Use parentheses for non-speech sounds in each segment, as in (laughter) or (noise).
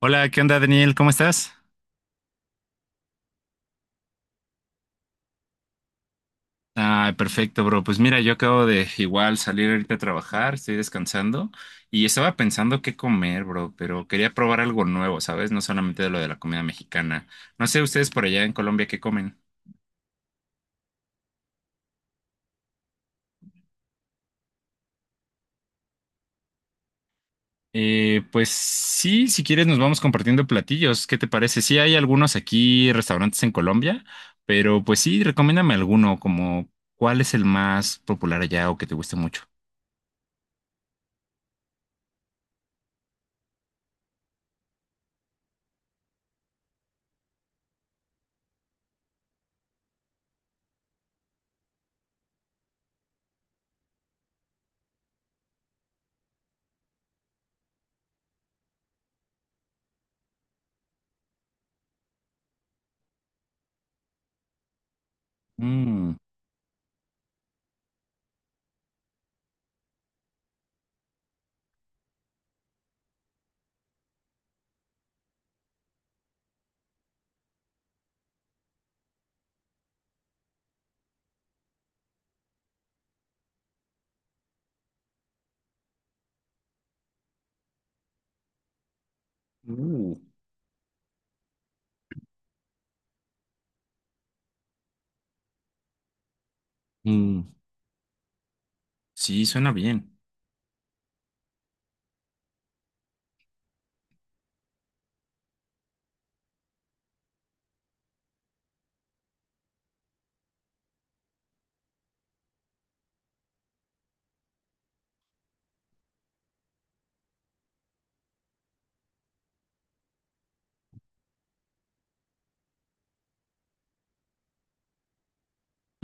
Hola, ¿qué onda, Daniel? ¿Cómo estás? Ah, perfecto, bro. Pues mira, yo acabo de igual salir ahorita a trabajar, estoy descansando y estaba pensando qué comer, bro, pero quería probar algo nuevo, ¿sabes? No solamente de lo de la comida mexicana. No sé ustedes por allá en Colombia qué comen. Pues sí, si quieres nos vamos compartiendo platillos. ¿Qué te parece? Sí, hay algunos aquí, restaurantes en Colombia, pero pues sí, recomiéndame alguno, como cuál es el más popular allá o que te guste mucho. Mm. Uh. Mm. Sí, suena bien.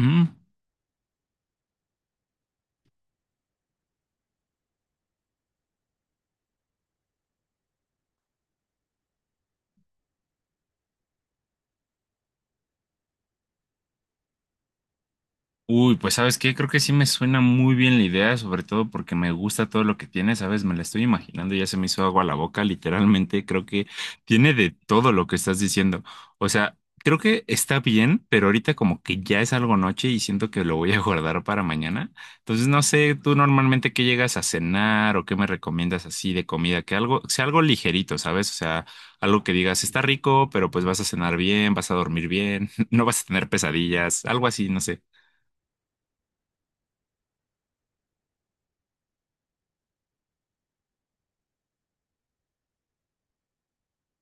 Mm. Uy, pues ¿sabes qué? Creo que sí me suena muy bien la idea, sobre todo porque me gusta todo lo que tiene, ¿sabes? Me la estoy imaginando, y ya se me hizo agua a la boca, literalmente. Creo que tiene de todo lo que estás diciendo. O sea, creo que está bien, pero ahorita como que ya es algo noche y siento que lo voy a guardar para mañana. Entonces, no sé, tú normalmente qué llegas a cenar o qué me recomiendas así de comida, que algo, sea algo ligerito, ¿sabes? O sea, algo que digas, está rico, pero pues vas a cenar bien, vas a dormir bien, (laughs) no vas a tener pesadillas, algo así, no sé.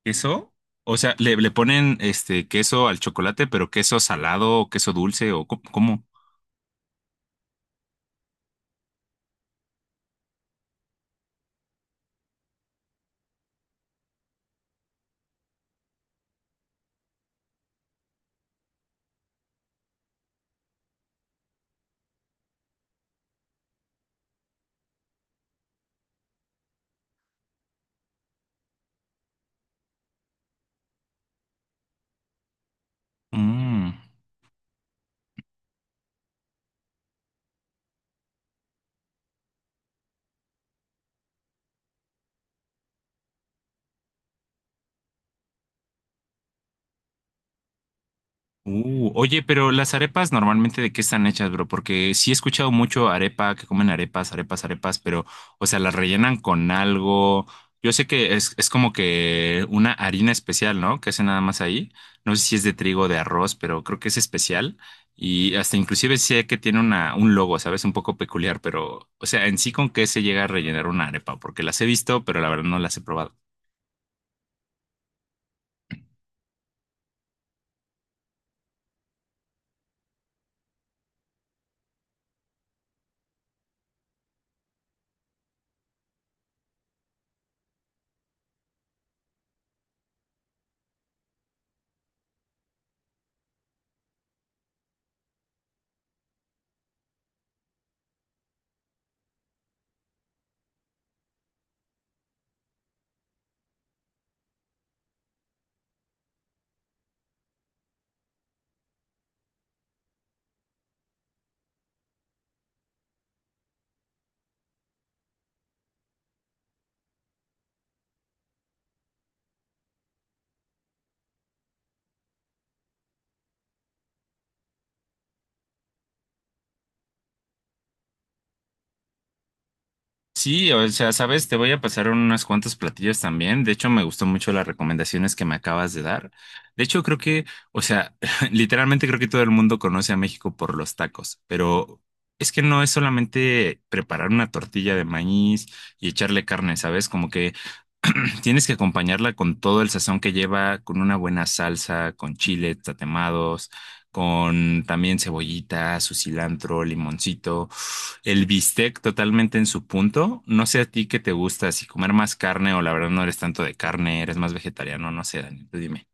¿Queso? O sea, le ponen este queso al chocolate, pero queso salado, queso dulce o cómo. Mm. Oye, pero las arepas normalmente de qué están hechas, ¿bro? Porque sí he escuchado mucho arepa, que comen arepas, arepas, arepas, pero, o sea, las rellenan con algo. Yo sé que es como que una harina especial, ¿no? Que hacen nada más ahí. No sé si es de trigo o de arroz, pero creo que es especial. Y hasta inclusive sé que tiene una, un logo, ¿sabes? Un poco peculiar, pero, o sea, en sí con qué se llega a rellenar una arepa, porque las he visto, pero la verdad no las he probado. Sí, o sea, sabes, te voy a pasar unas cuantas platillos también. De hecho, me gustó mucho las recomendaciones que me acabas de dar. De hecho, creo que, o sea, (laughs) literalmente creo que todo el mundo conoce a México por los tacos, pero es que no es solamente preparar una tortilla de maíz y echarle carne, ¿sabes? Como que tienes que acompañarla con todo el sazón que lleva, con una buena salsa, con chile, tatemados, con también cebollita, su cilantro, limoncito, el bistec totalmente en su punto. No sé a ti qué te gusta, si comer más carne o la verdad no eres tanto de carne, eres más vegetariano, no sé, Dani, tú dime.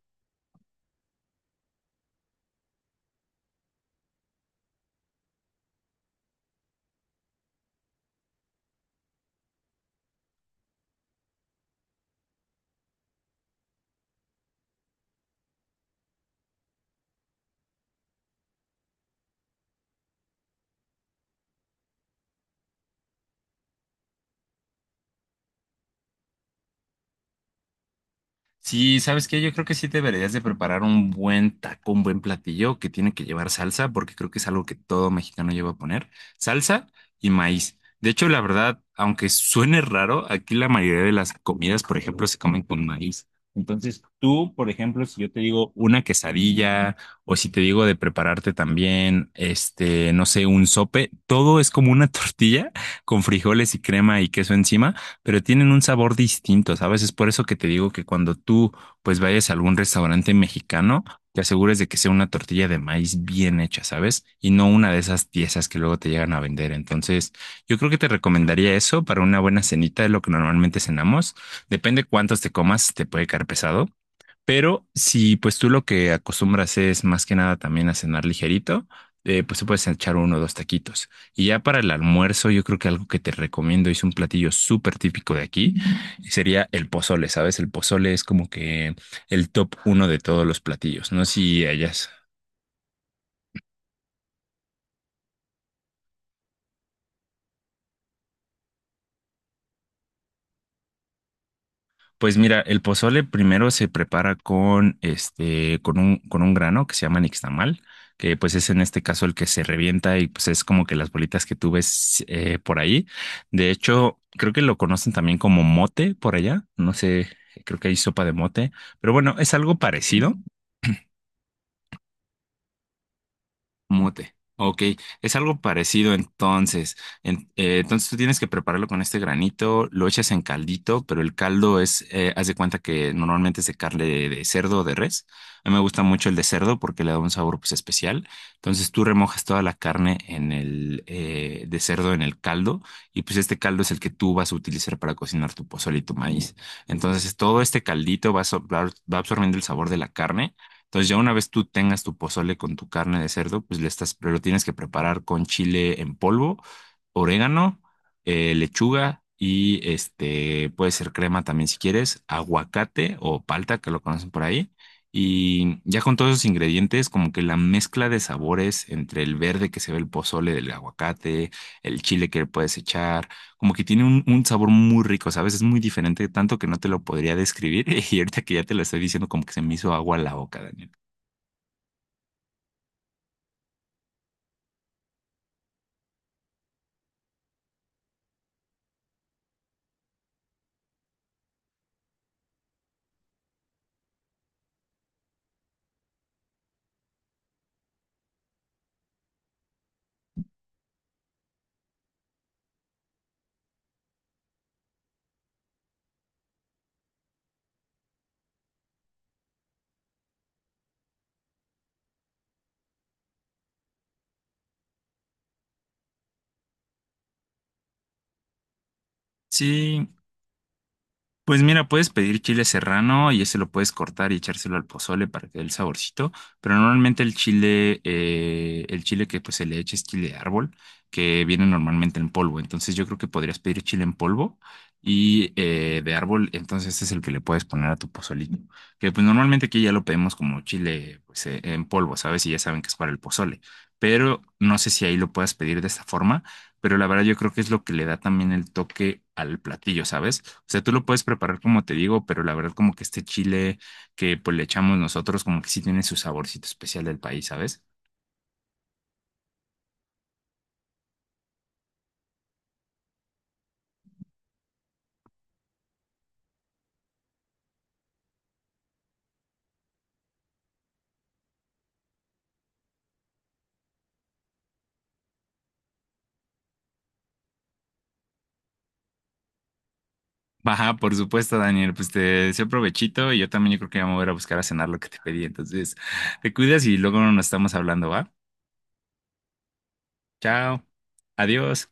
Sí, ¿sabes qué? Yo creo que sí deberías de preparar un buen taco, un buen platillo que tiene que llevar salsa, porque creo que es algo que todo mexicano lleva a poner, salsa y maíz. De hecho, la verdad, aunque suene raro, aquí la mayoría de las comidas, por ejemplo, se comen con maíz. Entonces, tú, por ejemplo, si yo te digo una quesadilla o si te digo de prepararte también, este, no sé, un sope, todo es como una (laughs) tortilla con frijoles y crema y queso encima, pero tienen un sabor distinto, ¿sabes? Es por eso que te digo que cuando tú pues vayas a algún restaurante mexicano, te asegures de que sea una tortilla de maíz bien hecha, ¿sabes? Y no una de esas piezas que luego te llegan a vender. Entonces, yo creo que te recomendaría eso para una buena cenita, de lo que normalmente cenamos. Depende cuántos te comas, te puede caer pesado. Pero si pues tú lo que acostumbras es más que nada también a cenar ligerito, pues te puedes echar uno o dos taquitos. Y ya para el almuerzo, yo creo que algo que te recomiendo es un platillo súper típico de aquí, y sería el pozole, ¿sabes? El pozole es como que el top uno de todos los platillos, no sé si hayas. Pues mira, el pozole primero se prepara con este, con un grano que se llama nixtamal, que pues es en este caso el que se revienta y pues es como que las bolitas que tú ves por ahí. De hecho, creo que lo conocen también como mote por allá, no sé, creo que hay sopa de mote, pero bueno, es algo parecido. Mute. Ok, es algo parecido entonces. Entonces tú tienes que prepararlo con este granito, lo echas en caldito, pero el caldo es, haz de cuenta que normalmente es de carne de cerdo o de res. A mí me gusta mucho el de cerdo porque le da un sabor pues especial. Entonces tú remojas toda la carne en el de cerdo en el caldo y pues este caldo es el que tú vas a utilizar para cocinar tu pozole y tu maíz. Entonces todo este caldito va, a so- va va absorbiendo el sabor de la carne. Entonces, ya una vez tú tengas tu pozole con tu carne de cerdo, pues le estás, pero lo tienes que preparar con chile en polvo, orégano, lechuga y este puede ser crema también si quieres, aguacate o palta, que lo conocen por ahí. Y ya con todos esos ingredientes, como que la mezcla de sabores entre el verde que se ve el pozole del aguacate, el chile que le puedes echar, como que tiene un sabor muy rico, ¿sabes? Es muy diferente, tanto que no te lo podría describir. (laughs) Y ahorita que ya te lo estoy diciendo, como que se me hizo agua a la boca, Daniel. Sí, pues mira, puedes pedir chile serrano y ese lo puedes cortar y echárselo al pozole para que dé el saborcito, pero normalmente el chile que pues se le echa es chile de árbol, que viene normalmente en polvo, entonces yo creo que podrías pedir chile en polvo y de árbol, entonces este es el que le puedes poner a tu pozolito, que pues normalmente aquí ya lo pedimos como chile pues, en polvo, ¿sabes? Y ya saben que es para el pozole, pero no sé si ahí lo puedas pedir de esta forma, pero la verdad yo creo que es lo que le da también el toque al platillo, ¿sabes? O sea, tú lo puedes preparar como te digo, pero la verdad como que este chile que pues le echamos nosotros como que sí tiene su saborcito especial del país, ¿sabes? Baja, por supuesto, Daniel, pues te deseo provechito y yo también yo creo que ya me voy a ir a buscar a cenar lo que te pedí, entonces te cuidas y luego nos estamos hablando, ¿va? Chao, adiós.